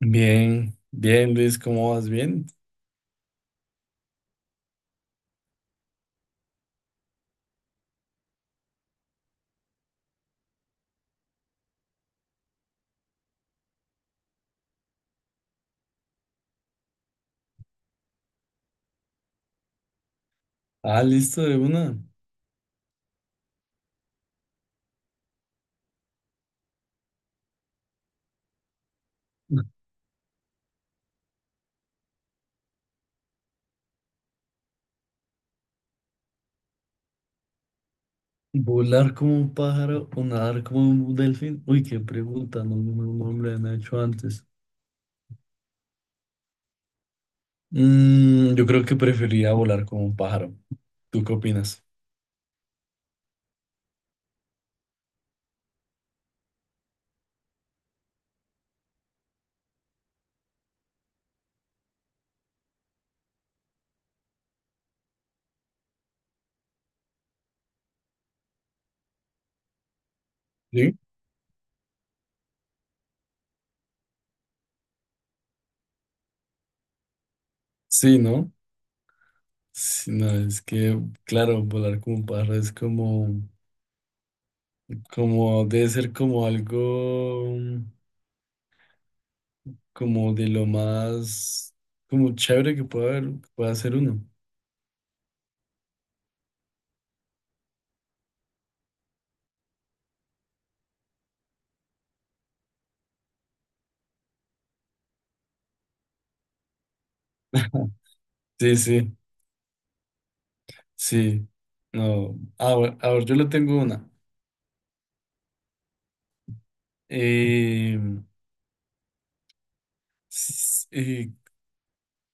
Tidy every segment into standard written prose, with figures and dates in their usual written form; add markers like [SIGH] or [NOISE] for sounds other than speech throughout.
Bien, bien, Luis, ¿cómo vas? Bien. Ah, listo, de una. ¿Volar como un pájaro o nadar como un delfín? Uy, qué pregunta, no, no, no me la han hecho antes. Mm, yo creo que preferiría volar como un pájaro. ¿Tú qué opinas? ¿Sí? Sí, ¿no? Sí, no, es que, claro, volar como un pájaro es como, como, debe ser como algo, como de lo más, como chévere que puede haber, que pueda hacer uno. Sí, sí. Sí, no. A ver, a ver, yo le tengo una. Eh, s- eh,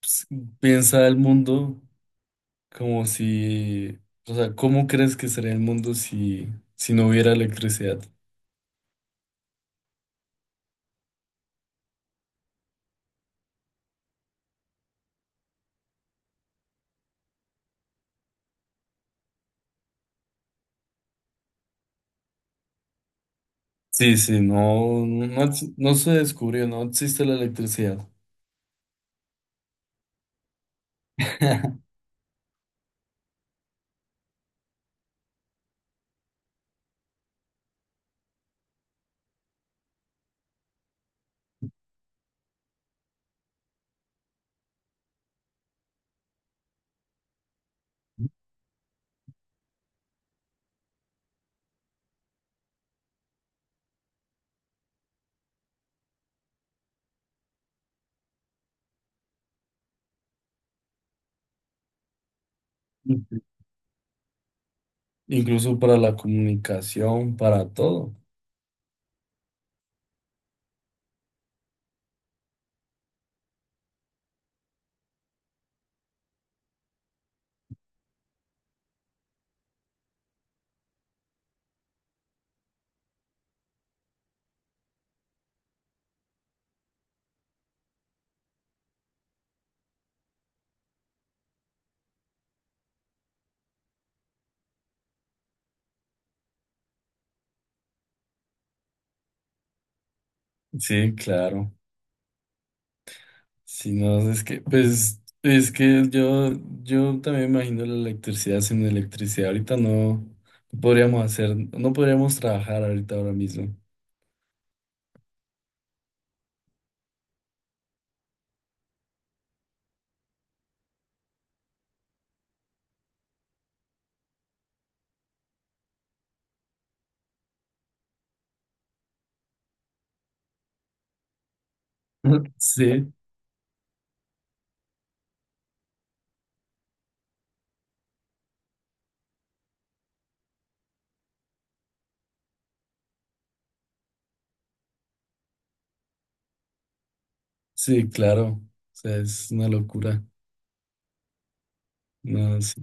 ps- Piensa el mundo como si, o sea, ¿cómo crees que sería el mundo si, si no hubiera electricidad? Sí, sí, no, no, no se descubrió, no existe la electricidad. [LAUGHS] Incluso para la comunicación, para todo. Sí, claro. Si no, es que, pues, es que yo también me imagino la electricidad sin electricidad. Ahorita no podríamos hacer, no podríamos trabajar ahorita ahora mismo. [LAUGHS] Sí, sí, claro. O sea, es una locura. No, sí.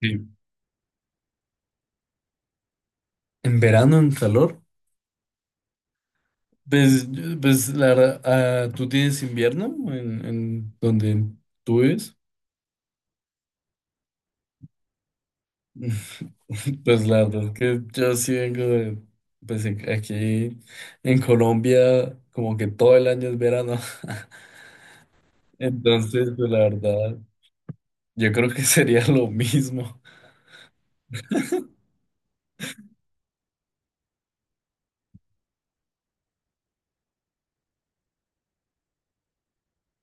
Sí. ¿En verano, en calor? Pues, pues la verdad, ah, ¿tú tienes invierno en donde tú vives? [LAUGHS] Pues la verdad es que yo sí vengo de, pues aquí en Colombia, como que todo el año es verano. [LAUGHS] Entonces, pues la verdad, yo creo que [LAUGHS] sería lo mismo.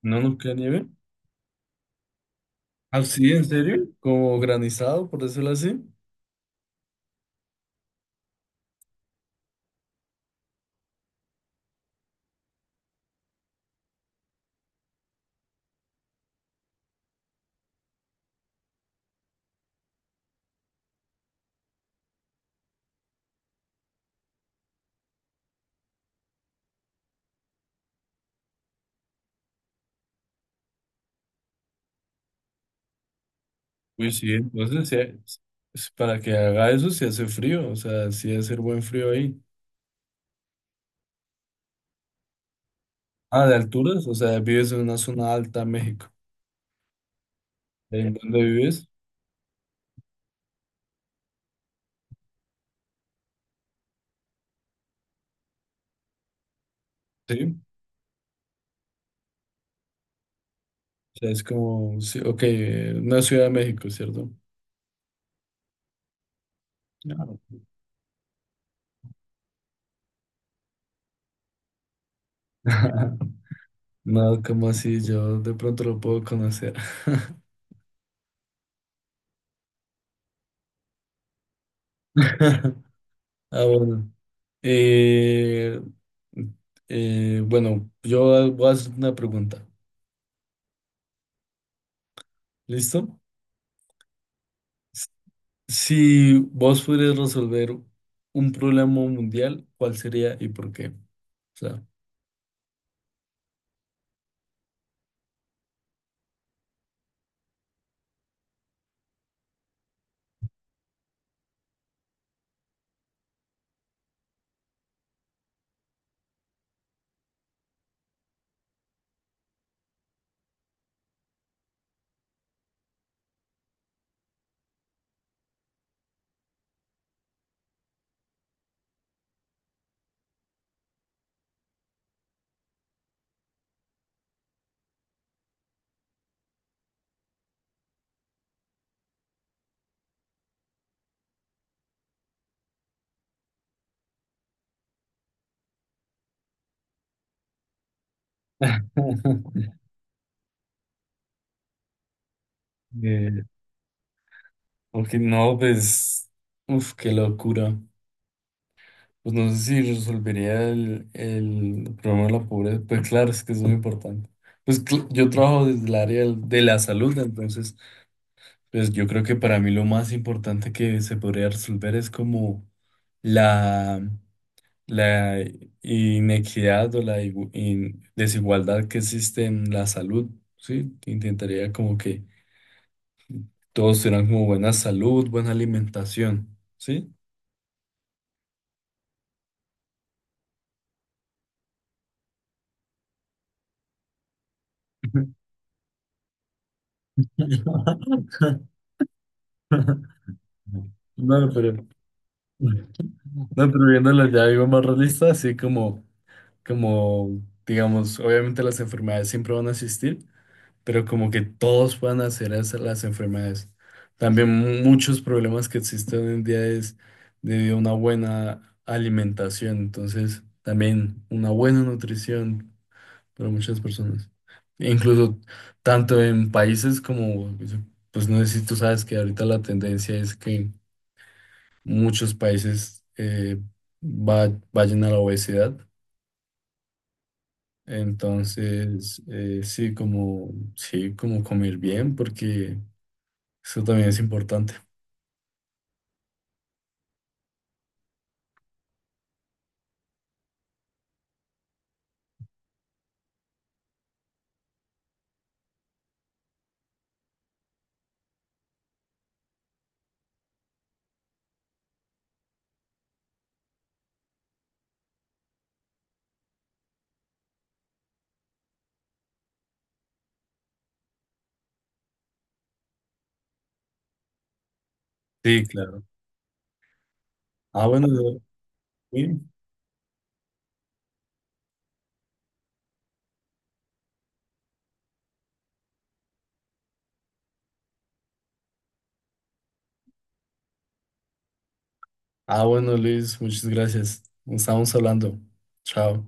¿No nos queda nieve? ¿Ah, sí? ¿En serio? ¿Como granizado, por decirlo así? Pues sí, entonces sí, es para que haga eso si hace frío, o sea, sí debe ser buen frío ahí. Ah, de alturas, o sea, vives en una zona alta, México. ¿En dónde vives? Sí. Sea, es como, sí, ok, no Ciudad de México, ¿cierto? Claro. [LAUGHS] No, como así, yo de pronto lo puedo conocer. [LAUGHS] [LAUGHS] Ah, bueno. Eh, bueno, yo voy a hacer una pregunta. ¿Listo? Si vos pudieras resolver un problema mundial, ¿cuál sería y por qué? O sea, [LAUGHS] eh, ok, no, pues, uf, qué locura. Pues no sé si resolvería el problema de la pobreza. Pues claro, es que es muy importante. Pues yo trabajo desde el área de la salud, entonces, pues yo creo que para mí lo más importante que se podría resolver es como la, la inequidad o la desigualdad que existe en la salud, ¿sí? Intentaría como que todos tengan como buena salud, buena alimentación, ¿sí? [LAUGHS] No, pero no, pero viéndolo ya algo más realista, así como, como, digamos, obviamente las enfermedades siempre van a existir, pero como que todos puedan hacer esas las enfermedades. También muchos problemas que existen hoy en día es debido a una buena alimentación, entonces también una buena nutrición para muchas personas. E incluso tanto en países como, pues no sé si tú sabes que ahorita la tendencia es que muchos países vayan a la obesidad. Entonces, sí, como comer bien, porque eso también es importante. Sí, claro. Ah, bueno, sí. Ah, bueno, Luis, muchas gracias. Estamos hablando. Chao.